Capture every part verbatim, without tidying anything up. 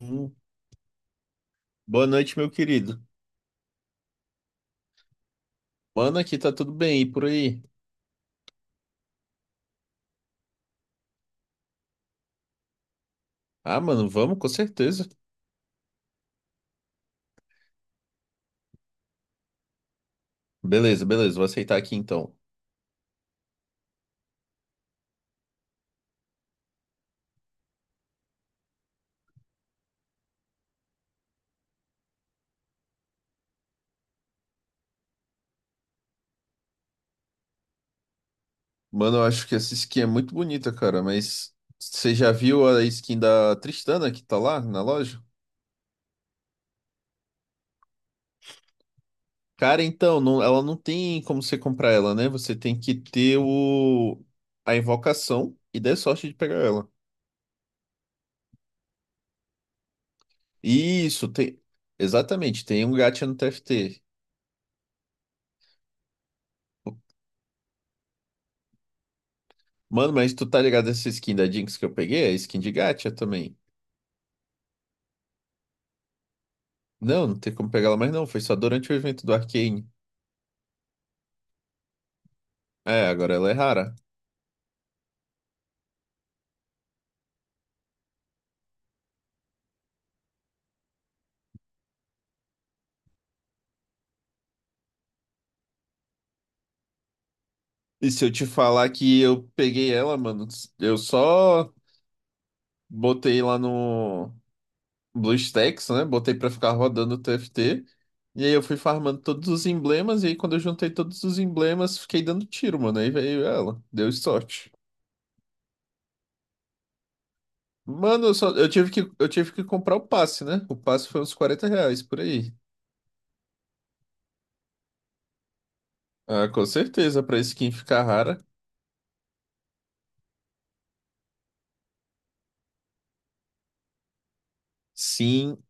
Hum, Boa noite, meu querido. Mano, aqui tá tudo bem e por aí? Ah, mano, vamos, com certeza. Beleza, beleza, vou aceitar aqui então. Mano, eu acho que essa skin é muito bonita, cara, mas você já viu a skin da Tristana que tá lá na loja? Cara, então, não- ela não tem como você comprar ela, né? Você tem que ter o... a invocação e der sorte de pegar ela. Isso, tem. Exatamente, tem um gacha no T F T. Mano, mas tu tá ligado essa skin da Jinx que eu peguei? É skin de gacha também. Não, não tem como pegar ela mais não. Foi só durante o evento do Arcane. É, agora ela é rara. E se eu te falar que eu peguei ela, mano, eu só botei lá no BlueStacks, né? Botei pra ficar rodando o T F T. E aí eu fui farmando todos os emblemas. E aí quando eu juntei todos os emblemas, fiquei dando tiro, mano. Aí veio ela. Deu sorte. Mano, eu, só, eu tive que, eu tive que comprar o passe, né? O passe foi uns quarenta reais por aí. Ah, com certeza, pra skin ficar rara. Sim,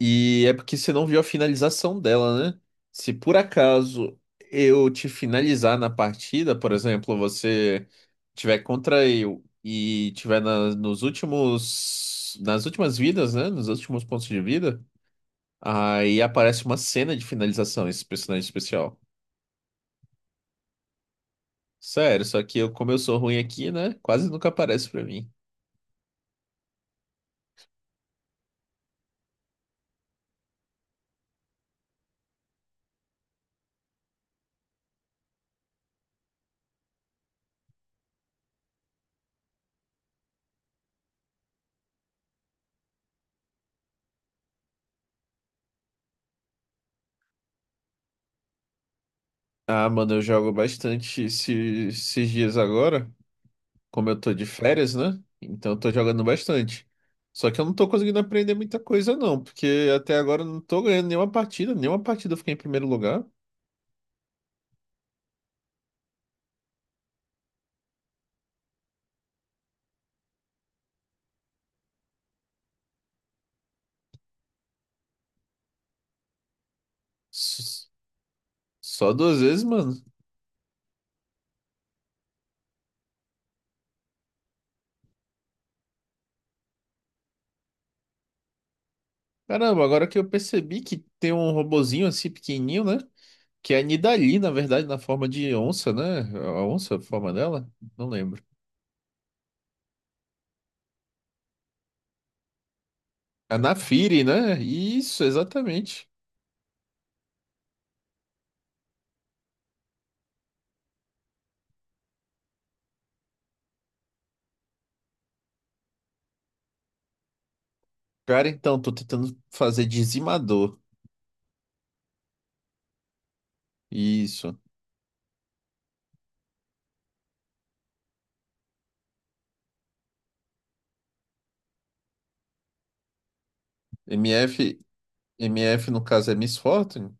E é porque você não viu a finalização dela, né? Se por acaso eu te finalizar na partida, por exemplo, você tiver contra eu e tiver na- nos últimos, nas últimas vidas, né? Nos últimos pontos de vida, aí aparece uma cena de finalização, esse personagem especial. Sério, só que eu, como eu sou ruim aqui, né? Quase nunca aparece pra mim. Ah, mano, eu jogo bastante esse- esses dias agora. Como eu tô de férias, né? Então eu tô jogando bastante. Só que eu não tô conseguindo aprender muita coisa, não, porque até agora eu não tô ganhando nenhuma partida, nenhuma partida eu fiquei em primeiro lugar. S- Só duas vezes, mano. Caramba, agora que eu percebi que tem um robozinho assim pequenininho, né? Que é a Nidalee, na verdade, na forma de onça, né? A onça, a forma dela? Não lembro. A Naafiri, né? Isso, exatamente. Cara, então, tô tentando fazer dizimador. Isso. M F MF no caso é Miss Fortune?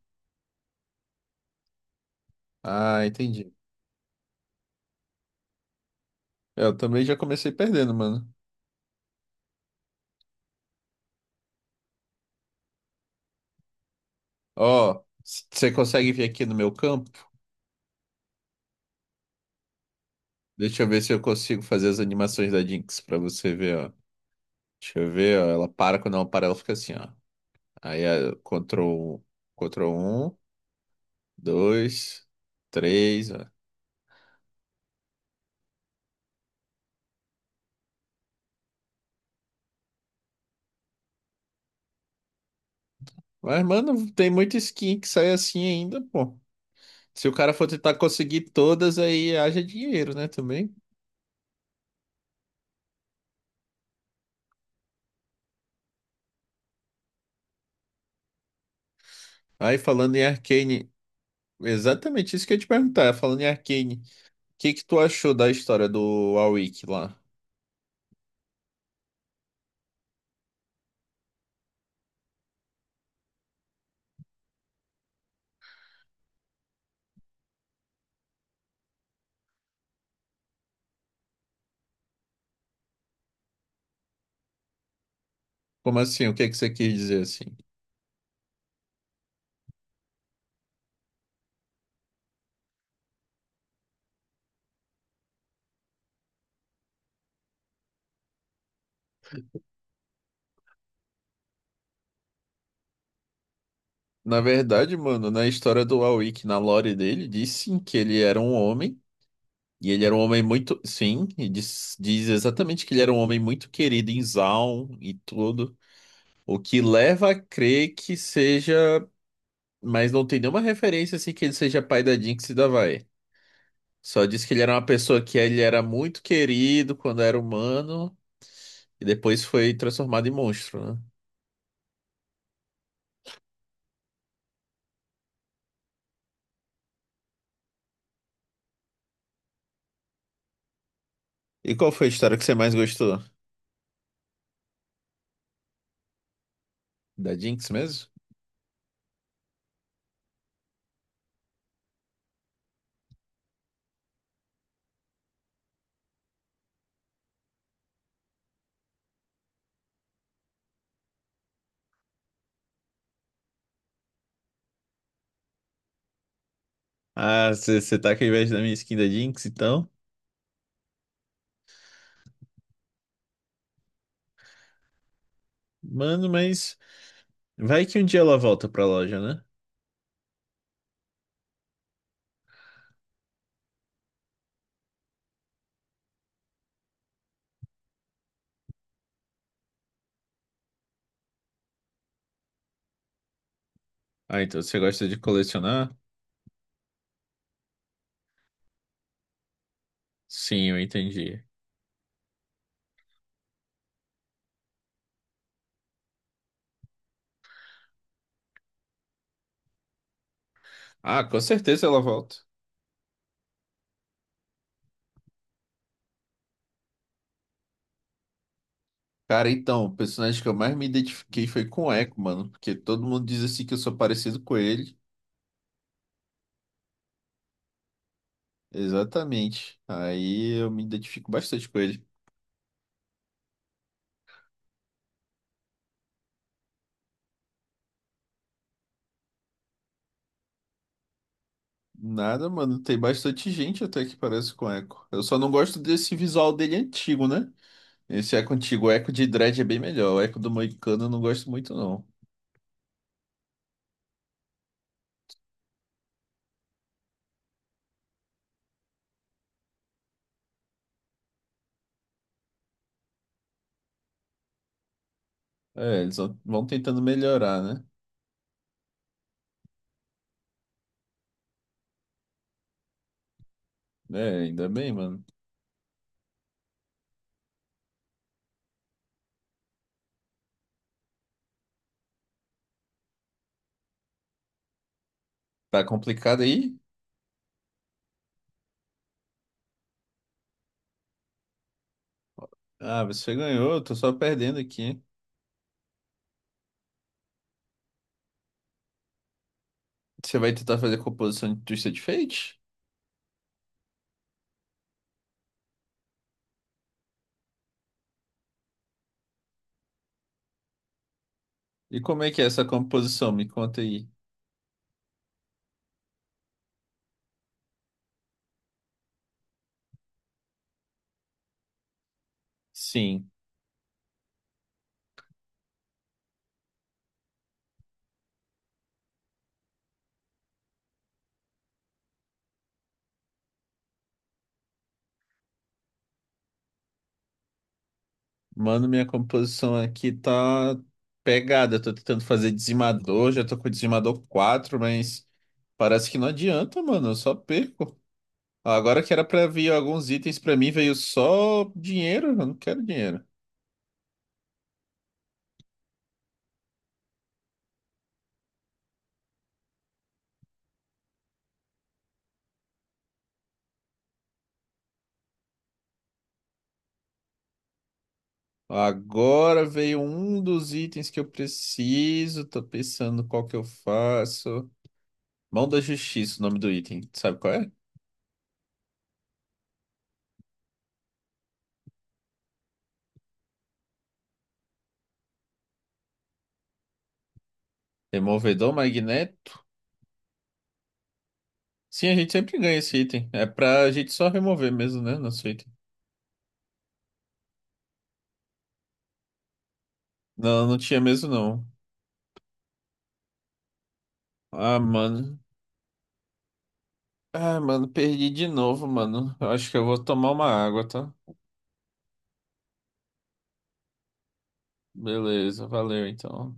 Ah, entendi. Eu também já comecei perdendo, mano. Ó, você consegue vir aqui no meu campo? Deixa eu ver se eu consigo fazer as animações da Jinx pra você ver, ó. Deixa eu ver, ó. Ela para, quando ela para, ela fica assim, ó. Aí, ó, Ctrl, um, Ctrl um, dois, três, ó. Mas, mano, tem muita skin que sai assim ainda, pô. Se o cara for tentar conseguir todas, aí haja dinheiro, né, também. Aí, falando em Arcane, exatamente isso que eu ia te perguntar, é, falando em Arcane, o que que tu achou da história do Warwick lá? Como assim? O que que você quis dizer assim? Na verdade, mano, na história do Warwick, na lore dele, diz sim que ele era um homem, e ele era um homem muito, sim, e diz, diz exatamente que ele era um homem muito querido em Zaun e tudo, o que leva a crer que seja, mas não tem nenhuma referência assim que ele seja pai da Jinx e da Vai. Só diz que ele era uma pessoa que ele era muito querido quando era humano. E depois foi transformado em monstro, né? E qual foi a história que você mais gostou? Da Jinx mesmo? Ah, você você tá com inveja da minha skin da Jinx, então? Mano, mas vai que um dia ela volta pra loja, né? Ah, então você gosta de colecionar? Sim, eu entendi. Ah, com certeza ela volta. Cara, então, o personagem que eu mais me identifiquei foi com o Echo, mano. Porque todo mundo diz assim que eu sou parecido com ele. Exatamente. Aí eu me identifico bastante com ele. Nada, mano. Tem bastante gente até que parece com Echo. Eu só não gosto desse visual dele antigo, né? Esse Echo antigo, o Echo de Dread é bem melhor. O Echo do Moicano eu não gosto muito, não. É, eles vão vão tentando melhorar, né? É, ainda bem, mano. Tá complicado aí? Ah, você ganhou, eu tô só perdendo aqui, hein? Você vai tentar fazer a composição de Twisted Fate? E como é que é essa composição? Me conta aí. Sim. Mano, minha composição aqui tá pegada. Eu tô tentando fazer dizimador, já tô com o dizimador quatro, mas parece que não adianta, mano. Eu só perco. Agora que era pra vir alguns itens pra mim, veio só dinheiro. Eu não quero dinheiro. Agora veio um dos itens que eu preciso. Tô pensando qual que eu faço. Mão da Justiça, o nome do item. Sabe qual é? Removedor magnético. Sim, a gente sempre ganha esse item. É pra gente só remover mesmo, né? Nosso item. Não, não tinha mesmo não. Ah, mano. Ah, mano, perdi de novo, mano. Eu acho que eu vou tomar uma água, tá? Beleza, valeu então.